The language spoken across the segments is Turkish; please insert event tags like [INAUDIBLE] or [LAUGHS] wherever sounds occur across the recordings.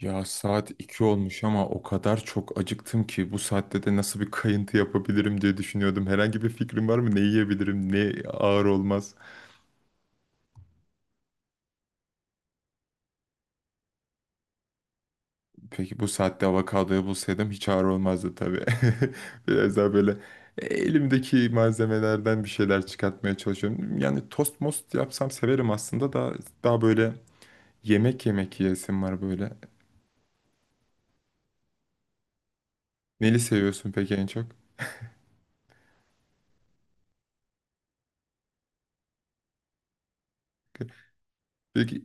Ya saat 2 olmuş ama o kadar çok acıktım ki bu saatte de nasıl bir kayıntı yapabilirim diye düşünüyordum. Herhangi bir fikrim var mı? Ne yiyebilirim? Ne ağır olmaz? Peki bu saatte avokadoyu bulsaydım hiç ağır olmazdı tabii. [LAUGHS] Biraz daha böyle elimdeki malzemelerden bir şeyler çıkartmaya çalışıyorum. Yani tost most yapsam severim aslında da daha böyle yemek yemek yiyesim var böyle. Neli seviyorsun peki en çok? Peki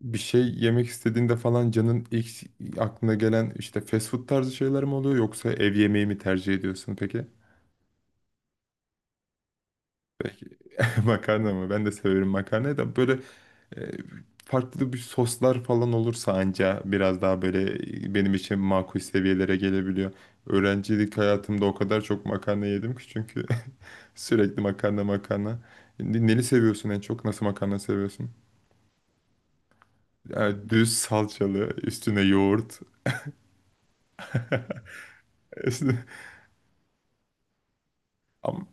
bir şey yemek istediğinde falan canın ilk aklına gelen işte fast food tarzı şeyler mi oluyor yoksa ev yemeği mi tercih ediyorsun peki? [LAUGHS] Makarna mı? Ben de severim makarnayı da böyle e, farklı bir soslar falan olursa anca biraz daha böyle benim için makul seviyelere gelebiliyor. Öğrencilik hayatımda o kadar çok makarna yedim ki çünkü [LAUGHS] sürekli makarna makarna. Neli seviyorsun en çok? Nasıl makarna seviyorsun? Yani düz salçalı, üstüne yoğurt. [LAUGHS] Üstüne... Ama...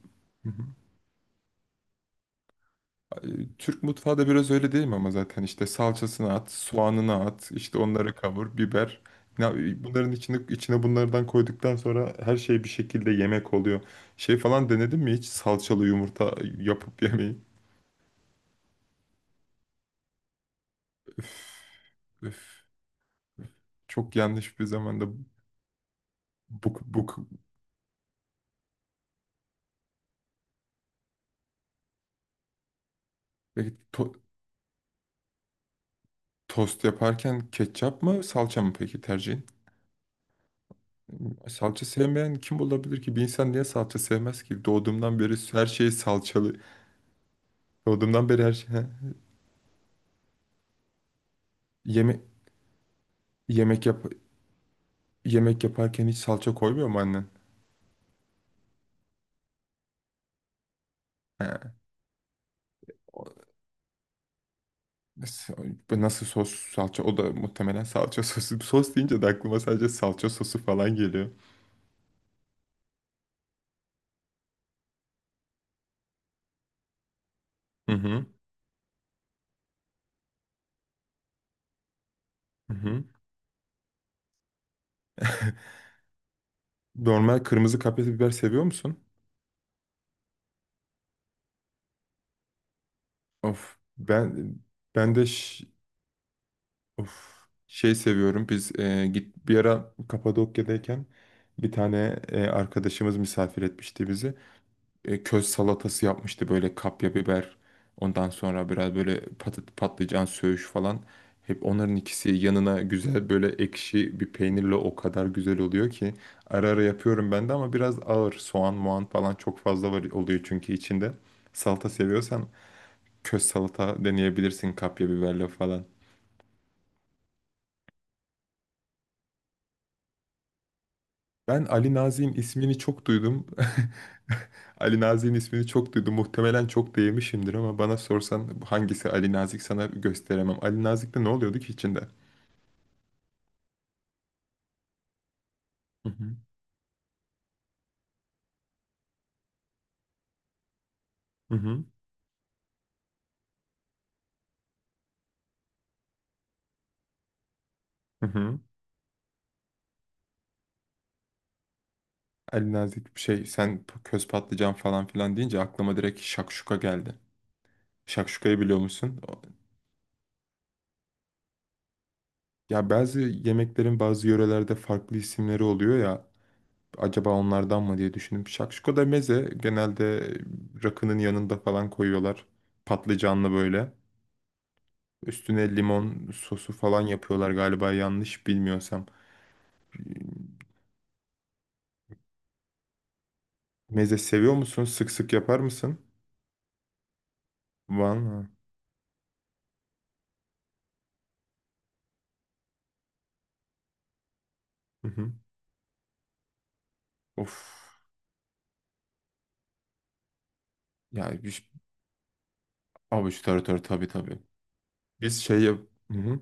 E, Türk mutfağı da biraz öyle değil mi? Ama zaten işte salçasını at, soğanını at, işte onları kavur, biber. Ya, bunların içine bunlardan koyduktan sonra her şey bir şekilde yemek oluyor. Şey falan denedin mi hiç salçalı yumurta yapıp [LAUGHS] yemeyi? Öf, öf. Çok yanlış bir zamanda bu, bu, peki tost yaparken ketçap mı salça mı peki tercihin? Salça sevmeyen kim olabilir ki? Bir insan niye salça sevmez ki? Doğduğumdan beri her şey salçalı. Doğduğumdan beri her şey... He. Yeme Yemek yap yemek yaparken hiç salça koymuyor mu annen? He. O- Nasıl, nasıl sos salça? O da muhtemelen salça [LAUGHS] sosu. Sos deyince de aklıma sadece salça sosu falan geliyor. Hı hı. Hı hı. [LAUGHS] Normal kırmızı kapya biber seviyor musun? Of ben ben de ş- of şey seviyorum. Biz e, git bir ara Kapadokya'dayken bir tane arkadaşımız misafir etmişti bizi. Köz salatası yapmıştı böyle kapya biber. Ondan sonra biraz böyle patlıcan söğüş falan. Hep onların ikisi yanına güzel böyle ekşi bir peynirle o kadar güzel oluyor ki. Ara ara yapıyorum ben de ama biraz ağır. Soğan, muan falan çok fazla var oluyor çünkü içinde. Salata seviyorsan köz salata deneyebilirsin kapya biberle falan. Ben Ali Nazik'in ismini çok duydum. [LAUGHS] Ali Nazik'in ismini çok duydum. Muhtemelen çok da yemişimdir ama bana sorsan hangisi Ali Nazik sana gösteremem. Ali Nazik'te ne oluyordu ki içinde? Hı hı. Hı hı. Hı hı. Ali Nazik şey sen köz patlıcan falan filan deyince aklıma direkt şakşuka geldi. Şakşukayı biliyor musun? Ya bazı yemeklerin bazı yörelerde farklı isimleri oluyor ya. Acaba onlardan mı diye düşündüm. Şakşuka da meze, genelde rakının yanında falan koyuyorlar. Patlıcanlı böyle. Üstüne limon sosu falan yapıyorlar galiba, yanlış bilmiyorsam. Meze seviyor musun? Sık sık yapar mısın? Valla. Hı hı. Of. Ya bir avuç taratoru, tabii tabii. Biz şey yap... Hı hı.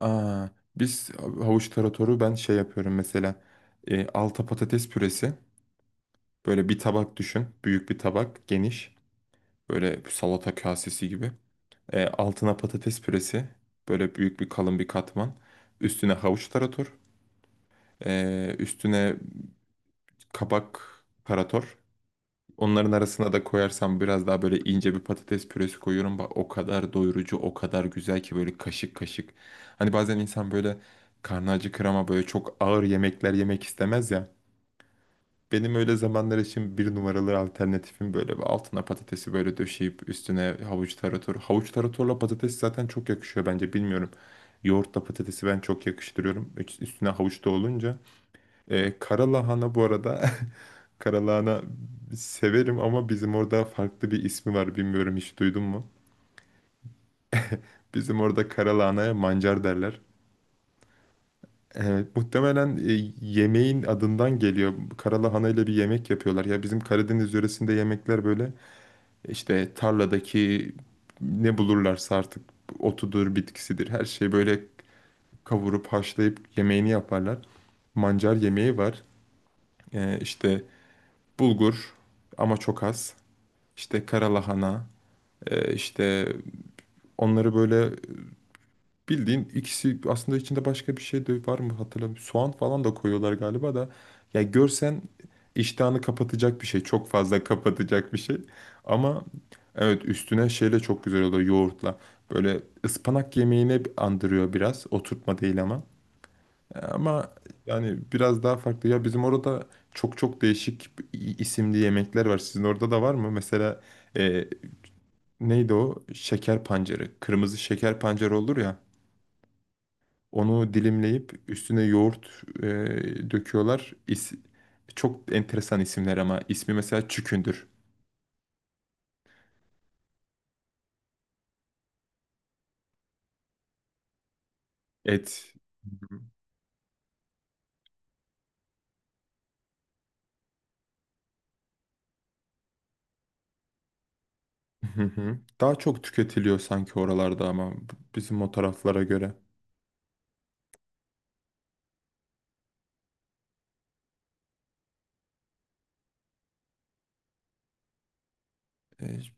Aa, biz havuç taratoru ben şey yapıyorum mesela. Alta patates püresi. Böyle bir tabak düşün. Büyük bir tabak. Geniş. Böyle salata kasesi gibi. Altına patates püresi. Böyle büyük bir kalın bir katman. Üstüne havuç tarator. Üstüne kabak tarator. Onların arasına da koyarsam biraz daha böyle ince bir patates püresi koyuyorum. Bak o kadar doyurucu, o kadar güzel ki böyle kaşık kaşık. Hani bazen insan böyle karnı acıkır ama böyle çok ağır yemekler yemek istemez ya. Benim öyle zamanlar için bir numaralı alternatifim böyle bir altına patatesi böyle döşeyip üstüne havuç tarator. Havuç taratorla patates zaten çok yakışıyor bence, bilmiyorum. Yoğurtla patatesi ben çok yakıştırıyorum. Üstüne havuç da olunca. Kara lahana bu arada. [LAUGHS] Kara lahana severim ama bizim orada farklı bir ismi var, bilmiyorum, hiç duydun mu? Bizim orada kara lahanaya mancar derler. Evet, muhtemelen yemeğin adından geliyor. Karalahana ile bir yemek yapıyorlar. Ya bizim Karadeniz yöresinde yemekler böyle İşte tarladaki ne bulurlarsa artık, otudur, bitkisidir. Her şeyi böyle kavurup haşlayıp yemeğini yaparlar. Mancar yemeği var. İşte bulgur, ama çok az. İşte kara lahana. İşte onları böyle bildiğin, ikisi aslında, içinde başka bir şey de var mı hatırlamıyorum. Soğan falan da koyuyorlar galiba da. Ya görsen iştahını kapatacak bir şey. Çok fazla kapatacak bir şey. Ama evet, üstüne şeyle çok güzel oluyor, yoğurtla. Böyle ıspanak yemeğini andırıyor biraz. Oturtma değil ama. Ama yani biraz daha farklı. Ya bizim orada çok çok değişik isimli yemekler var. Sizin orada da var mı? Mesela e, neydi o? Şeker pancarı. Kırmızı şeker pancarı olur ya. Onu dilimleyip üstüne yoğurt döküyorlar. Çok enteresan isimler ama ismi mesela çükündür. Et. Hı hı. Daha çok tüketiliyor sanki oralarda ama bizim o taraflara göre. E,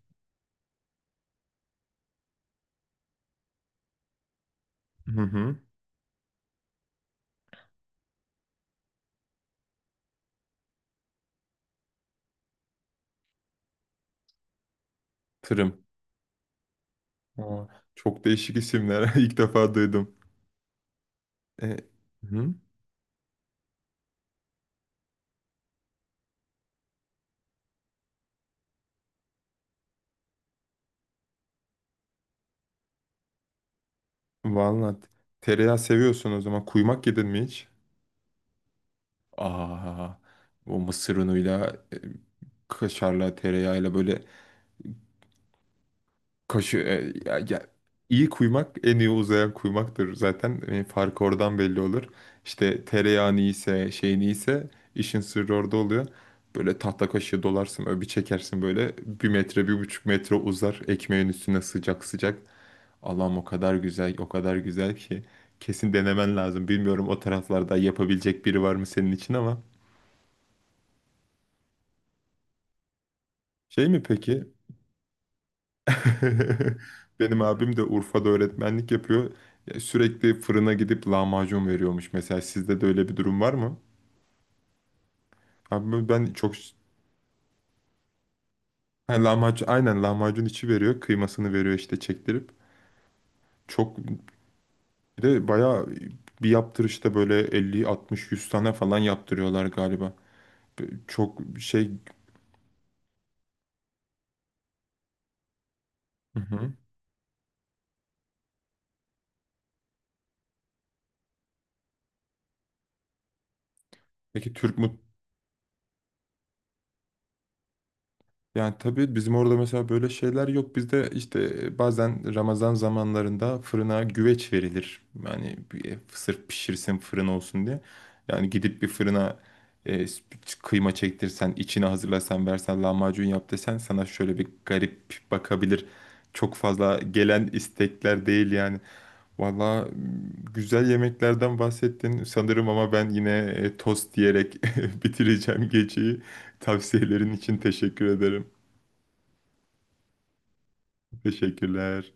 Hı hı. Tırım. Aa, çok değişik isimler. [LAUGHS] İlk defa duydum. E, hı. Vallahi tereyağı seviyorsun o zaman. Kuymak yedin mi hiç? Aa, o mısır unuyla, kaşarla, tereyağıyla böyle. Ya, ya, iyi kuymak en iyi uzayan kuymaktır zaten, farkı oradan belli olur. İşte tereyağın iyiyse, şeyin iyiyse işin sırrı orada oluyor. Böyle tahta kaşığı dolarsın, öyle bir çekersin böyle 1 metre 1,5 metre uzar ekmeğin üstüne sıcak sıcak. Allah'ım, o kadar güzel o kadar güzel ki kesin denemen lazım. Bilmiyorum o taraflarda yapabilecek biri var mı senin için, ama şey mi peki [LAUGHS] benim abim de Urfa'da öğretmenlik yapıyor. Ya sürekli fırına gidip lahmacun veriyormuş. Mesela sizde de öyle bir durum var mı? Abi ben çok... Ha, lahmacun, aynen lahmacun içi veriyor. Kıymasını veriyor işte, çektirip. Çok, bir de bayağı bir yaptırışta böyle 50, 60, 100 tane falan yaptırıyorlar galiba. Çok şey... Hı hı. Peki Türk Yani tabii bizim orada mesela böyle şeyler yok. Bizde işte bazen Ramazan zamanlarında fırına güveç verilir. Yani sırf pişirsin, fırın olsun diye. Yani gidip bir fırına e, kıyma çektirsen, içine hazırlasan, versen, lahmacun yap desen sana şöyle bir garip bakabilir. Çok fazla gelen istekler değil yani. Valla güzel yemeklerden bahsettin sanırım ama ben yine tost diyerek [LAUGHS] bitireceğim geceyi. Tavsiyelerin için teşekkür ederim. Teşekkürler.